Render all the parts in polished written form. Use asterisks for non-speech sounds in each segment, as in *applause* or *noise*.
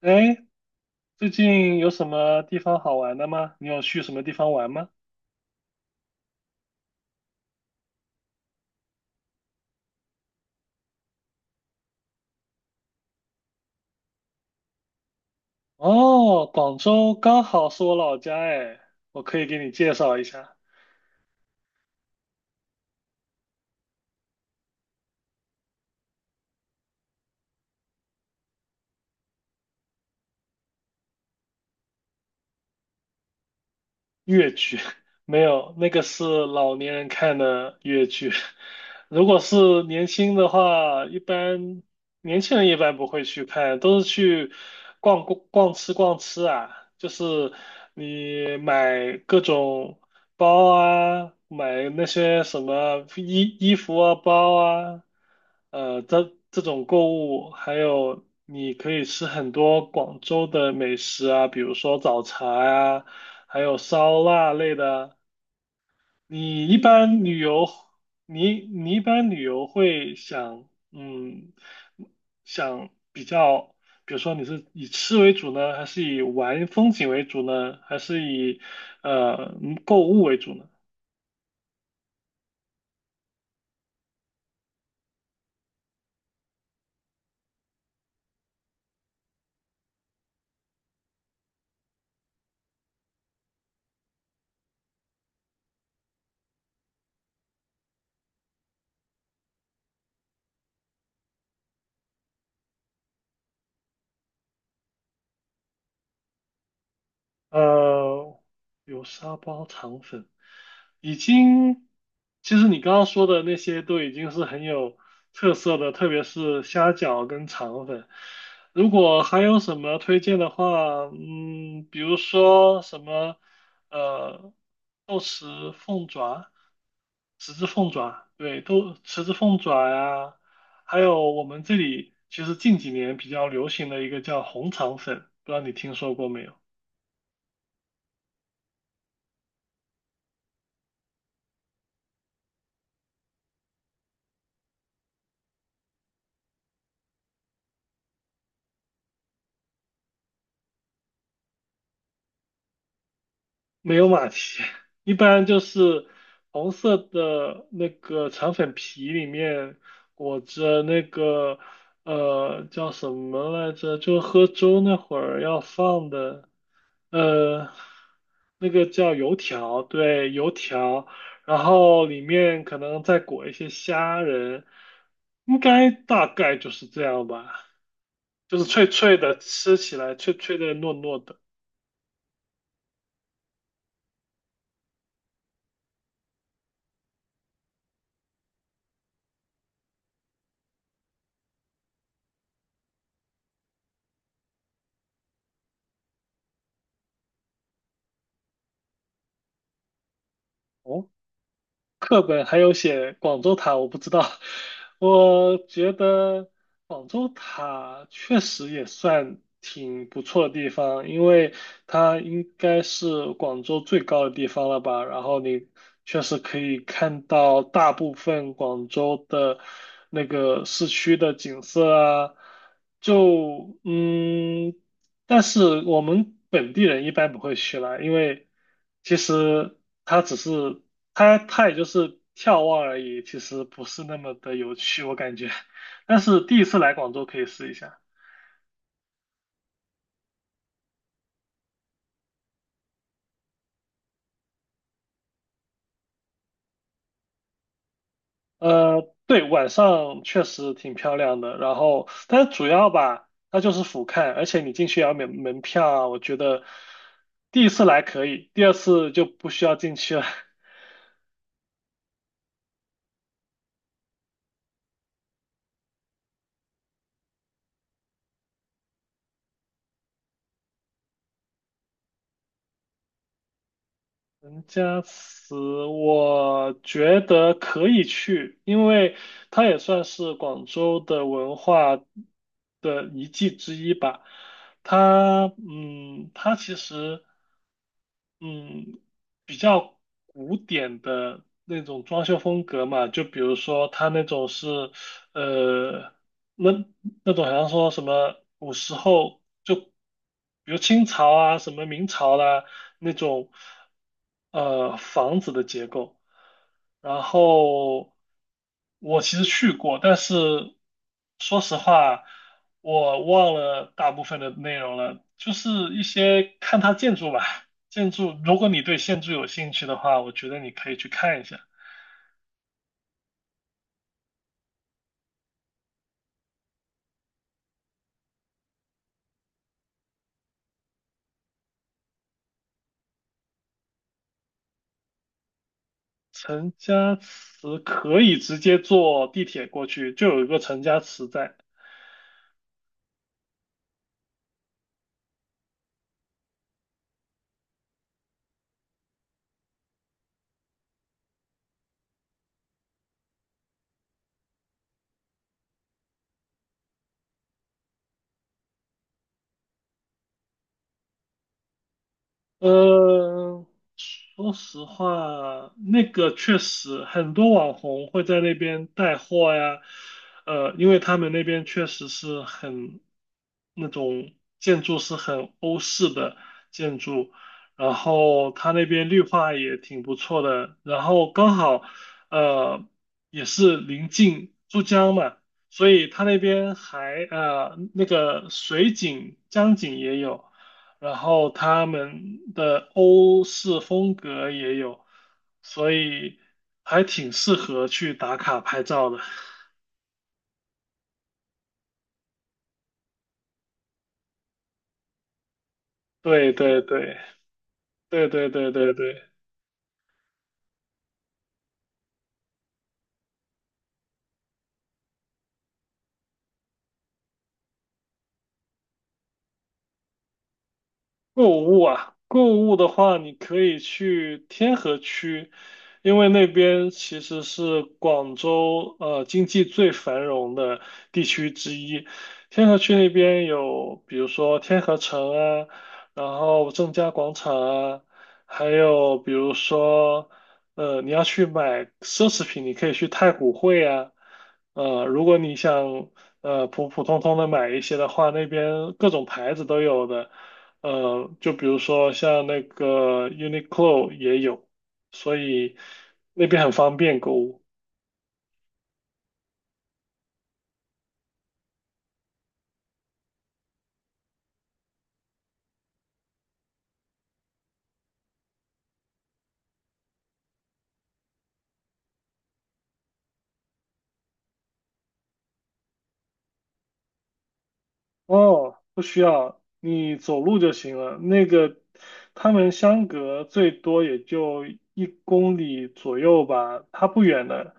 哎，最近有什么地方好玩的吗？你有去什么地方玩吗？哦，广州刚好是我老家哎，我可以给你介绍一下。粤剧。 *laughs* 没有，那个是老年人看的粤剧。*laughs* 如果是年轻的话，一般年轻人一般不会去看，都是去逛逛逛吃逛吃啊，就是你买各种包啊，买那些什么衣服啊、包啊，这种购物，还有你可以吃很多广州的美食啊，比如说早茶呀、还有烧腊类的。你一般旅游，你一般旅游会想，想比较，比如说你是以吃为主呢，还是以玩风景为主呢，还是以购物为主呢？呃，有沙包肠粉已经，其实你刚刚说的那些都已经是很有特色的，特别是虾饺跟肠粉。如果还有什么推荐的话，比如说什么呃豆豉凤爪、豉汁凤爪，对，豆豉汁凤爪呀，还有我们这里其实近几年比较流行的一个叫红肠粉，不知道你听说过没有？没有马蹄，一般就是红色的那个肠粉皮里面裹着那个叫什么来着？就喝粥那会儿要放的呃那个叫油条，对，油条，然后里面可能再裹一些虾仁，应该大概就是这样吧，就是脆脆的，吃起来脆脆的糯糯的。哦，课本还有写广州塔，我不知道。*laughs* 我觉得广州塔确实也算挺不错的地方，因为它应该是广州最高的地方了吧。然后你确实可以看到大部分广州的那个市区的景色啊。就嗯，但是我们本地人一般不会去啦，因为其实它只是它也就是眺望而已，其实不是那么的有趣，我感觉。但是第一次来广州可以试一下。对，晚上确实挺漂亮的。然后，但是主要吧，它就是俯瞰，而且你进去也要免门票啊。我觉得第一次来可以，第二次就不需要进去了。*laughs* 陈家祠，我觉得可以去，因为它也算是广州的文化的遗迹之一吧。它其实，嗯，比较古典的那种装修风格嘛，就比如说它那种是，呃。那那种好像说什么古时候就，比如清朝啊，什么明朝啦、那种，房子的结构。然后我其实去过，但是说实话，我忘了大部分的内容了，就是一些看它建筑吧。建筑，如果你对建筑有兴趣的话，我觉得你可以去看一下。陈家祠可以直接坐地铁过去，就有一个陈家祠在。呃，说实话，那个确实很多网红会在那边带货呀，因为他们那边确实是很那种建筑是很欧式的建筑，然后他那边绿化也挺不错的，然后刚好呃也是临近珠江嘛，所以他那边还那个水景江景也有。然后他们的欧式风格也有，所以还挺适合去打卡拍照的。对对对对对对对对。购物啊，购物的话，你可以去天河区，因为那边其实是广州经济最繁荣的地区之一。天河区那边有，比如说天河城啊，然后正佳广场啊，还有比如说你要去买奢侈品，你可以去太古汇啊。如果你想普普通通的买一些的话，那边各种牌子都有的。就比如说像那个 Uniqlo 也有，所以那边很方便购物。哦，不需要，你走路就行了。那个他们相隔最多也就一公里左右吧，它不远的，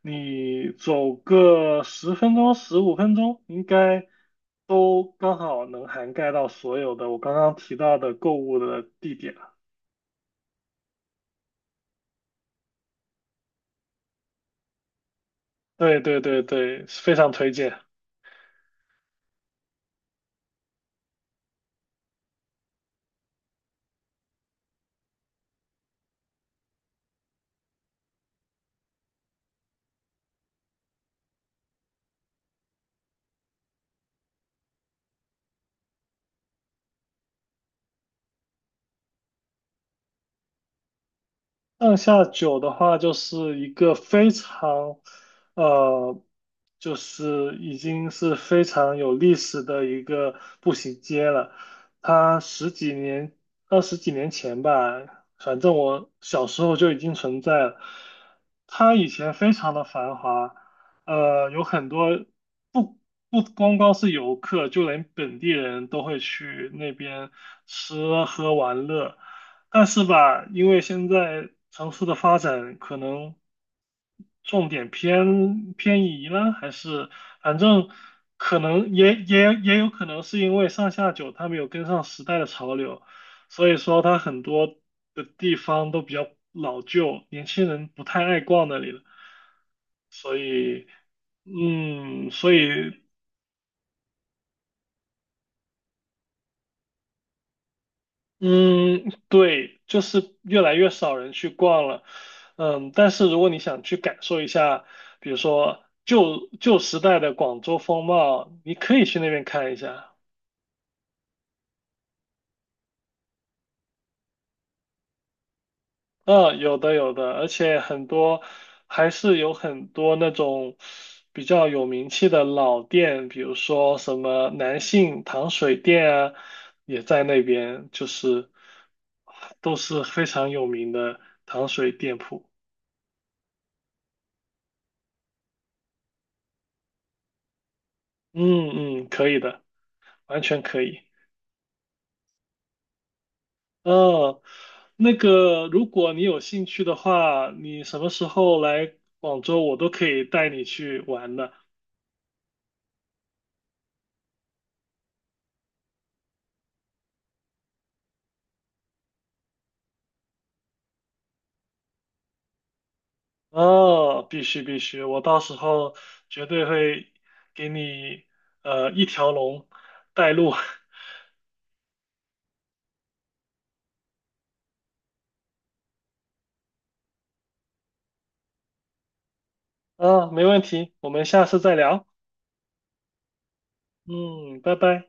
你走个十分钟、十五分钟，应该都刚好能涵盖到所有的我刚刚提到的购物的地点了。对对对对，非常推荐。上下九的话，就是一个非常，呃，就是已经是非常有历史的一个步行街了。它十几年、二十几年前吧，反正我小时候就已经存在了。它以前非常的繁华，有很多不不光光是游客，就连本地人都会去那边吃喝玩乐。但是吧，因为现在城市的发展可能重点移了，还是反正可能也有可能是因为上下九它没有跟上时代的潮流，所以说它很多的地方都比较老旧，年轻人不太爱逛那里了。所以，所以嗯，对，就是越来越少人去逛了。嗯，但是如果你想去感受一下，比如说旧时代的广州风貌，你可以去那边看一下。嗯，有的有的，而且很多还是有很多那种比较有名气的老店，比如说什么南信糖水店啊，也在那边，就是都是非常有名的糖水店铺。嗯嗯，可以的。完全可以。哦，那个，如果你有兴趣的话，你什么时候来广州，我都可以带你去玩的。哦，必须必须，我到时候绝对会给你一条龙带路。*laughs* 啊，没问题，我们下次再聊。嗯，拜拜。